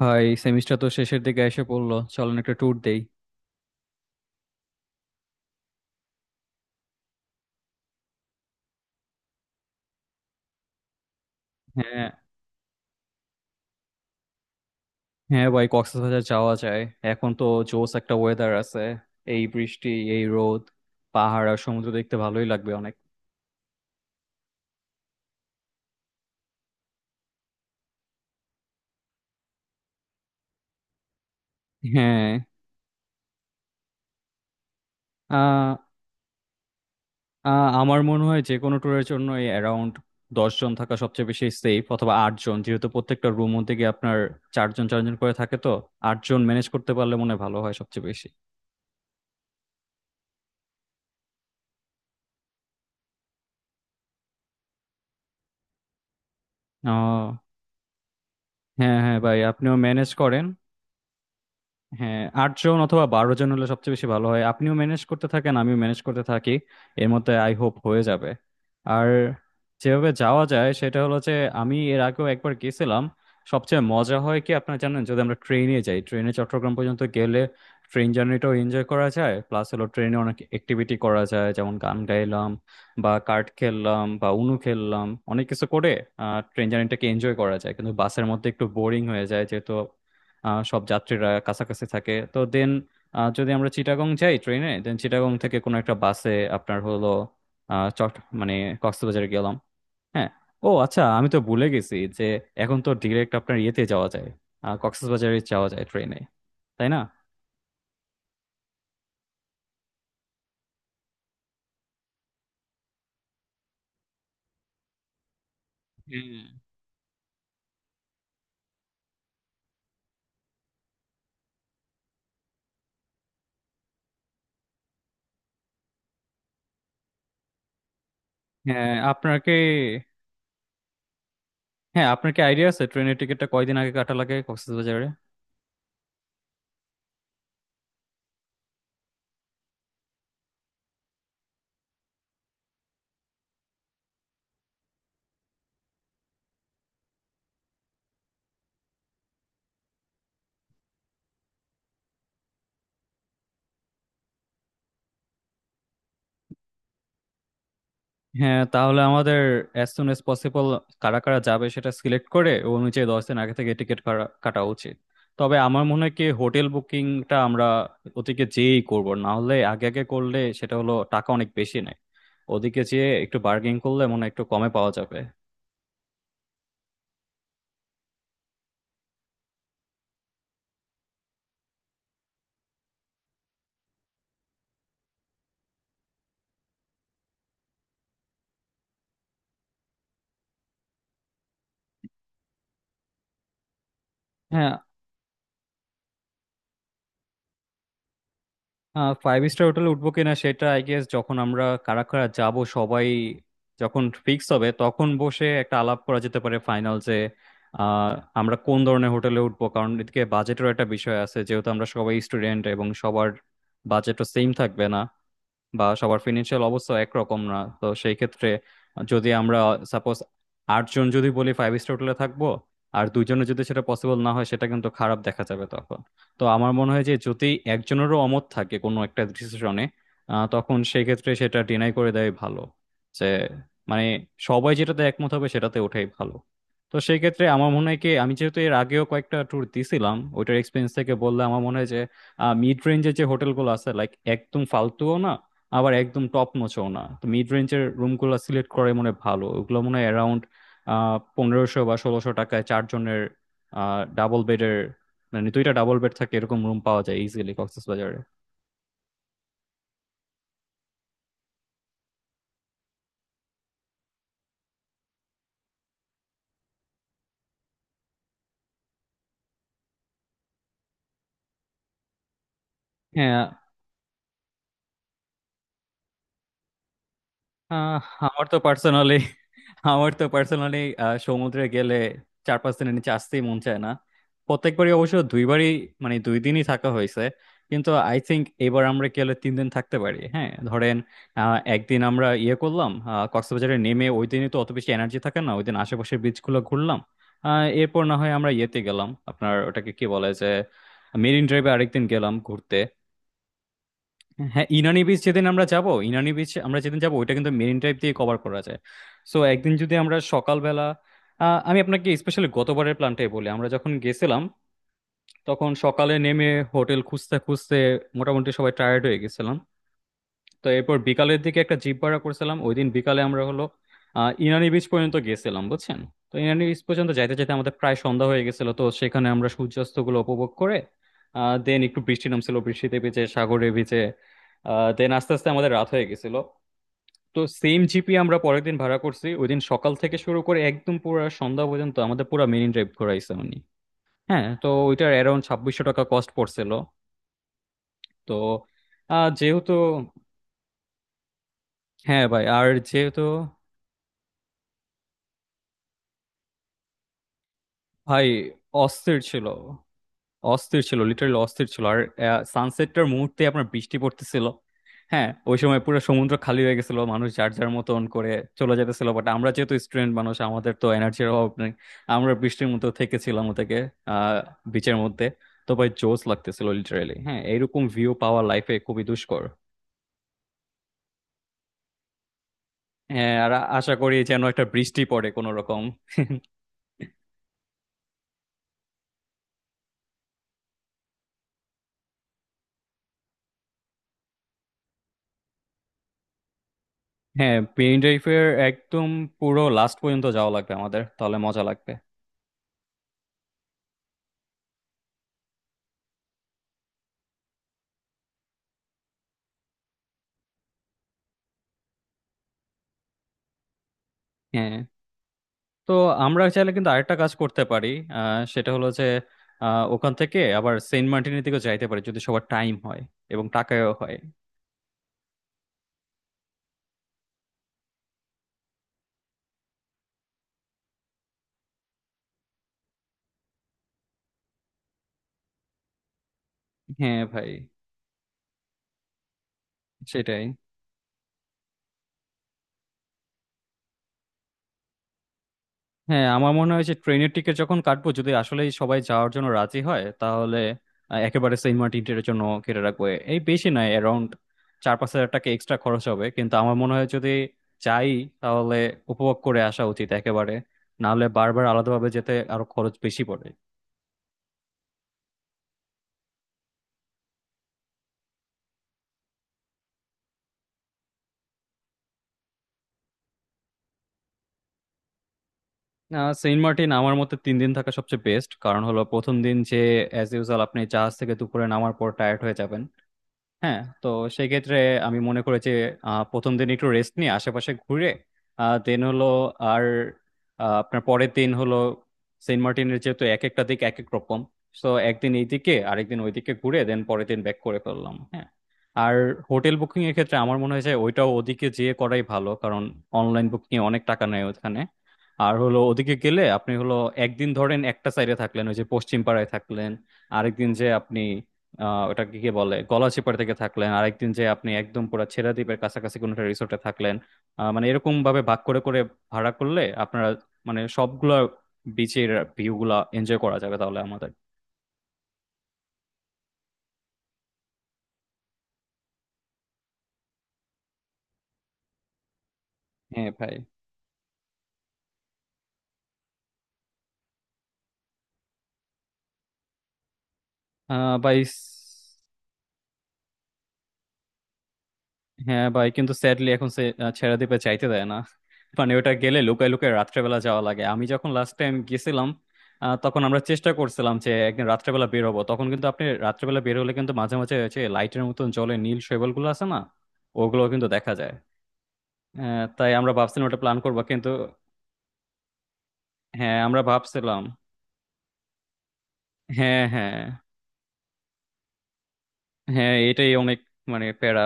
ভাই, সেমিস্টার তো শেষের দিকে এসে পড়লো, চলেন একটা ট্যুর দেই। হ্যাঁ, হ্যাঁ ভাই, কক্সবাজার যাওয়া যায়। এখন তো জোস একটা ওয়েদার আছে, এই বৃষ্টি, এই রোদ, পাহাড় আর সমুদ্র দেখতে ভালোই লাগবে অনেক। হ্যাঁ। আহ আহ, আমার মনে হয় যে কোনো ট্যুরের জন্য এই অ্যারাউন্ড 10 জন থাকা সবচেয়ে বেশি সেফ, অথবা 8 জন, যেহেতু প্রত্যেকটা রুম মধ্যে গিয়ে আপনার চারজন চারজন করে থাকে, তো 8 জন ম্যানেজ করতে পারলে মনে হয় ভালো হয় সবচেয়ে বেশি। আহ হ্যাঁ, হ্যাঁ ভাই, আপনিও ম্যানেজ করেন। হ্যাঁ, 8 জন অথবা 12 জন হলে সবচেয়ে বেশি ভালো হয়, আপনিও ম্যানেজ করতে থাকেন, আমিও ম্যানেজ করতে থাকি। এর মধ্যে আই হোপ হয়ে যাবে। আর যেভাবে যাওয়া যায় সেটা হলো যে আমি এর আগেও একবার গেছিলাম। সবচেয়ে মজা হয় কি আপনারা জানেন, যদি আমরা ট্রেনে যাই, ট্রেনে চট্টগ্রাম পর্যন্ত গেলে ট্রেন জার্নিটাও এনজয় করা যায়। প্লাস হলো ট্রেনে অনেক অ্যাক্টিভিটি করা যায়, যেমন গান গাইলাম বা কার্ড খেললাম বা উনু খেললাম, অনেক কিছু করে ট্রেন জার্নিটাকে এনজয় করা যায়। কিন্তু বাসের মধ্যে একটু বোরিং হয়ে যায়, যেহেতু সব যাত্রীরা কাছাকাছি থাকে তো। দেন যদি আমরা চিটাগং যাই ট্রেনে, দেন চিটাগং থেকে কোনো একটা বাসে আপনার হলো আহ, চট মানে কক্সবাজারে গেলাম। হ্যাঁ। ও আচ্ছা, আমি তো ভুলে গেছি যে এখন তো ডিরেক্ট আপনার ইয়েতে যাওয়া যায়, কক্সবাজারে যাওয়া যায় ট্রেনে, তাই না? হুম। হ্যাঁ আপনার কি হ্যাঁ, আপনার কি আইডিয়া আছে ট্রেনের টিকিটটা কয়দিন আগে কাটা লাগে কক্সবাজারে? হ্যাঁ, তাহলে আমাদের অ্যাজ সুন অ্যাজ পসিবল কারা কারা যাবে সেটা সিলেক্ট করে, ও অনুযায়ী 10 দিন আগে থেকে টিকিট কাটা উচিত। তবে আমার মনে হয় কি, হোটেল বুকিংটা আমরা ওদিকে যেয়েই করব, না হলে আগে আগে করলে সেটা হলো টাকা অনেক বেশি নেয়। ওদিকে যেয়ে একটু বার্গেনিং করলে মনে হয় একটু কমে পাওয়া যাবে। হ্যাঁ। ফাইভ স্টার হোটেলে উঠবো কিনা সেটা আই গেস যখন আমরা কারা কারা যাব সবাই যখন ফিক্স হবে তখন বসে একটা আলাপ করা যেতে পারে, ফাইনাল যে আহ, আমরা কোন ধরনের হোটেলে উঠবো, কারণ এদিকে বাজেটেরও একটা বিষয় আছে, যেহেতু আমরা সবাই স্টুডেন্ট এবং সবার বাজেটও সেম থাকবে না, বা সবার ফিনান্সিয়াল অবস্থা একরকম না। তো সেই ক্ষেত্রে যদি আমরা সাপোজ 8 জন যদি বলি ফাইভ স্টার হোটেলে থাকবো আর দুইজনের যদি সেটা পসিবল না হয়, সেটা কিন্তু খারাপ দেখা যাবে তখন। তো আমার মনে হয় যে যদি একজনেরও অমত থাকে কোনো একটা ডিসিশনে তখন সেই ক্ষেত্রে সেটা ডিনাই করে দেয় ভালো, যে মানে সবাই যেটাতে একমত হবে সেটাতে ওঠাই ভালো। তো সেই ক্ষেত্রে আমার মনে হয় কি, আমি যেহেতু এর আগেও কয়েকটা ট্যুর দিছিলাম ওইটার এক্সপিরিয়েন্স থেকে বললে আমার মনে হয় যে মিড রেঞ্জের যে হোটেলগুলো আছে, লাইক একদম ফালতুও না আবার একদম টপ নচও না, তো মিড রেঞ্জের রুমগুলো সিলেক্ট করে মনে হয় ভালো। ওগুলো মনে হয় অ্যারাউন্ড 1500 বা 1600 টাকায় চারজনের ডাবল বেডের, মানে দুইটা ডাবল বেড থাকে, এরকম রুম পাওয়া যায় ইজিলি কক্সবাজারে। হ্যাঁ। আহ, আমার তো পার্সোনালি আমার তো পার্সোনালি সমুদ্রে গেলে 4-5 দিনের নিচে আসতেই মন চায় না। প্রত্যেকবারই অবশ্য দুইবারই মানে দুই দিনই থাকা হয়েছে, কিন্তু আই থিংক এবার আমরা গেলে 3 দিন থাকতে পারি। হ্যাঁ, ধরেন, একদিন আমরা ইয়ে করলাম, কক্সবাজারে নেমে ওই দিনই তো অত বেশি এনার্জি থাকে না, ওই দিন আশেপাশের বিচগুলো ঘুরলাম। এরপর না হয় আমরা ইয়েতে গেলাম, আপনার ওটাকে কি বলে যে মেরিন ড্রাইভে আরেকদিন গেলাম ঘুরতে। হ্যাঁ, ইনানি বিচ আমরা যেদিন যাব ওইটা কিন্তু মেরিন ড্রাইভ দিয়ে কভার করা যায়। সো একদিন যদি আমরা সকালবেলা, আমি আপনাকে স্পেশালি গতবারের প্ল্যানটাই বলি। আমরা যখন গেছিলাম তখন সকালে নেমে হোটেল খুঁজতে খুঁজতে মোটামুটি সবাই টায়ার্ড হয়ে গেছিলাম। তো এরপর বিকালের দিকে একটা জিপ ভাড়া করছিলাম, ওই দিন বিকালে আমরা হলো ইনানি বিচ পর্যন্ত গেছিলাম, বুঝছেন। তো ইনানি বিচ পর্যন্ত যাইতে যাইতে আমাদের প্রায় সন্ধ্যা হয়ে গেছিল, তো সেখানে আমরা সূর্যাস্ত গুলো উপভোগ করে দেন একটু বৃষ্টি নামছিল, বৃষ্টিতে ভিজে সাগরে ভিজে দেন আস্তে আস্তে আমাদের রাত হয়ে গেছিল। তো সেম জিপি আমরা পরের দিন ভাড়া করছি, ওই দিন সকাল থেকে শুরু করে একদম পুরো সন্ধ্যা পর্যন্ত আমাদের পুরো মেরিন ড্রাইভ ঘোরাইছে উনি। হ্যাঁ, তো ওইটার অ্যারাউন্ড 2600 টাকা কস্ট পড়ছিল। তো আহ, যেহেতু হ্যাঁ ভাই, আর যেহেতু ভাই অস্থির ছিল অস্থির ছিল লিটারালি, অস্থির ছিল। আর সানসেটটার মুহূর্তে আপনার বৃষ্টি পড়তেছিল। হ্যাঁ, ওই সময় পুরো সমুদ্র খালি হয়ে গেছিল, মানুষ যার যার মতন করে চলে যেতেছিল, বাট আমরা যেহেতু স্টুডেন্ট মানুষ, আমাদের তো এনার্জির অভাব নেই। আমরা বৃষ্টির মতো থেকেছিলাম ওটাকে আহ বিচের মধ্যে। তো ভাই জোস লাগতেছিল লিটারালি, হ্যাঁ, এরকম ভিউ পাওয়া লাইফে খুবই দুষ্কর। হ্যাঁ, আর আশা করি যেন একটা বৃষ্টি পড়ে কোনো রকম। হ্যাঁ, পেইন ড্রাইভের একদম পুরো লাস্ট পর্যন্ত যাওয়া লাগবে আমাদের, তাহলে মজা লাগবে। হ্যাঁ, তো আমরা চাইলে কিন্তু আরেকটা কাজ করতে পারি, সেটা হলো যে ওখান থেকে আবার সেন্ট মার্টিনের দিকে যাইতে পারি, যদি সবার টাইম হয় এবং টাকায়ও হয়। হ্যাঁ ভাই, সেটাই। হ্যাঁ, আমার মনে হয় যে ট্রেনের টিকিট যখন কাটবো, যদি আসলেই সবাই যাওয়ার জন্য রাজি হয় তাহলে একেবারে সেন্ট মার্টিনের জন্য কেটে রাখবো। এই বেশি নয়, অ্যারাউন্ড 4-5 হাজার টাকা এক্সট্রা খরচ হবে, কিন্তু আমার মনে হয় যদি যাই তাহলে উপভোগ করে আসা উচিত একেবারে, নাহলে বারবার আলাদাভাবে যেতে আরো খরচ বেশি পড়ে। সেন্ট মার্টিন আমার মতে 3 দিন থাকা সবচেয়ে বেস্ট, কারণ হলো প্রথম দিন যে অ্যাজ ইউজুয়াল আপনি জাহাজ থেকে দুপুরে নামার পর টায়ার্ড হয়ে যাবেন। হ্যাঁ, তো সেক্ষেত্রে আমি মনে করি যে প্রথম দিন একটু রেস্ট নিয়ে আশেপাশে ঘুরে দেন হলো, আর আপনার পরের দিন হলো, সেন্ট মার্টিনের যেহেতু এক একটা দিক এক এক রকম, তো একদিন এইদিকে আরেকদিন ওইদিকে ঘুরে দেন পরের দিন ব্যাক করে ফেললাম। হ্যাঁ, আর হোটেল বুকিং এর ক্ষেত্রে আমার মনে হয় যে ওইটাও ওদিকে যেয়ে করাই ভালো, কারণ অনলাইন বুকিং এ অনেক টাকা নেয় ওখানে। আর হলো ওদিকে গেলে আপনি হলো একদিন ধরেন একটা সাইডে থাকলেন ওই যে পশ্চিম পাড়ায় থাকলেন, আরেকদিন যে আপনি ওটাকে কি বলে, গলাচিপাড়া থেকে থাকলেন, আরেকদিন যে আপনি একদম পুরো ছেড়া দ্বীপের কাছাকাছি কোনো একটা রিসোর্টে থাকলেন। মানে এরকম ভাবে ভাগ করে করে ভাড়া করলে আপনারা মানে সবগুলা বিচের ভিউ গুলা এনজয় করা যাবে তাহলে আমাদের। হ্যাঁ ভাই। ভাই, হ্যাঁ ভাই, কিন্তু স্যাডলি এখন সে ছেড়ে দিতে চাইতে দেয় না। মানে ওটা গেলে লুকায় লুকায় রাত্রেবেলা যাওয়া লাগে। আমি যখন লাস্ট টাইম গেছিলাম তখন আমরা চেষ্টা করছিলাম যে একদিন রাত্রেবেলা বের হবো, তখন কিন্তু আপনি রাত্রেবেলা বের হলে কিন্তু মাঝে মাঝে হচ্ছে লাইটের মতন জলে নীল শৈবাল গুলো আছে না, ওগুলো কিন্তু দেখা যায়। তাই আমরা ভাবছিলাম ওটা প্ল্যান করবো, কিন্তু হ্যাঁ, আমরা ভাবছিলাম। হ্যাঁ, হ্যাঁ, হ্যাঁ, এটাই অনেক মানে প্যারা।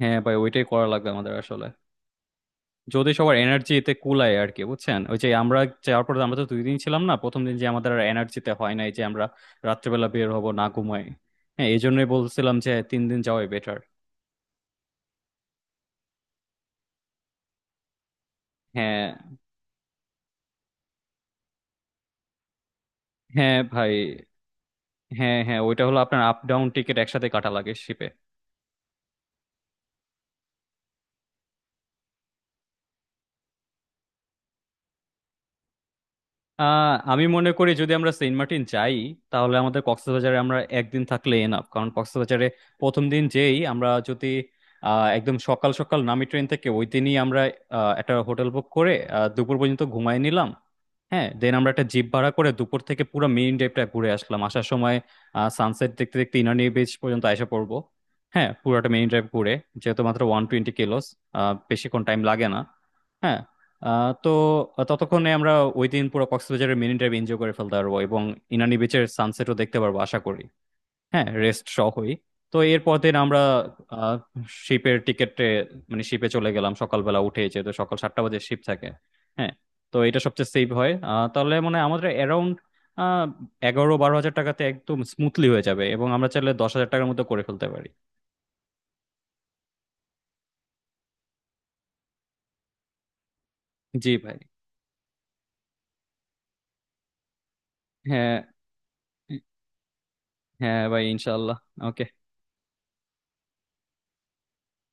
হ্যাঁ ভাই, ওইটাই করা লাগবে আমাদের আসলে, যদি সবার এনার্জি এতে কুলায় আর কি, বুঝছেন, ওই যে আমরা যাওয়ার পরে আমরা তো দুই দিন ছিলাম না, প্রথম দিন যে আমাদের আর এনার্জিতে হয় নাই যে আমরা রাত্রেবেলা বের হব, না ঘুমাই। হ্যাঁ, এই জন্যই বলছিলাম যে 3 দিন যাওয়াই বেটার। হ্যাঁ, হ্যাঁ ভাই। হ্যাঁ, হ্যাঁ, ওইটা হলো আপনার আপ ডাউন টিকিট একসাথে কাটা লাগে শিপে। আমি মনে করি যদি আমরা সেন্ট মার্টিন যাই তাহলে আমাদের কক্সবাজারে আমরা একদিন থাকলে এনাফ, কারণ কক্সবাজারে প্রথম দিন যেই আমরা যদি একদম সকাল সকাল নামি ট্রেন থেকে, ওই দিনই আমরা একটা হোটেল বুক করে দুপুর পর্যন্ত ঘুমাই নিলাম। হ্যাঁ, দেন আমরা একটা জিপ ভাড়া করে দুপুর থেকে পুরো মেরিন ড্রাইভটা ঘুরে আসলাম, আসার সময় সানসেট দেখতে দেখতে ইনানি বিচ পর্যন্ত এসে পড়বো। হ্যাঁ, পুরোটা মেরিন ড্রাইভ ঘুরে, যেহেতু মাত্র 120 km, বেশিক্ষণ টাইম লাগে না। হ্যাঁ, তো ততক্ষণে আমরা ওই দিন পুরো কক্সবাজারের মেরিন ড্রাইভ এনজয় করে ফেলতে পারবো এবং ইনানি বিচের সানসেটও দেখতে পারবো আশা করি। হ্যাঁ, রেস্ট সহই। তো এরপর দিন আমরা শিপের টিকেটে মানে শিপে চলে গেলাম সকালবেলা উঠে, যেহেতু সকাল 7টা বাজে শিপ থাকে। হ্যাঁ, তো এটা সবচেয়ে সেভ হয়। তাহলে মানে আমাদের অ্যারাউন্ড 11-12 হাজার টাকাতে একদম স্মুথলি হয়ে যাবে, এবং আমরা চাইলে 10 হাজার টাকার মতো করে ফেলতে পারি। জি ভাই। হ্যাঁ, হ্যাঁ ভাই, ইনশাল্লাহ। ওকে।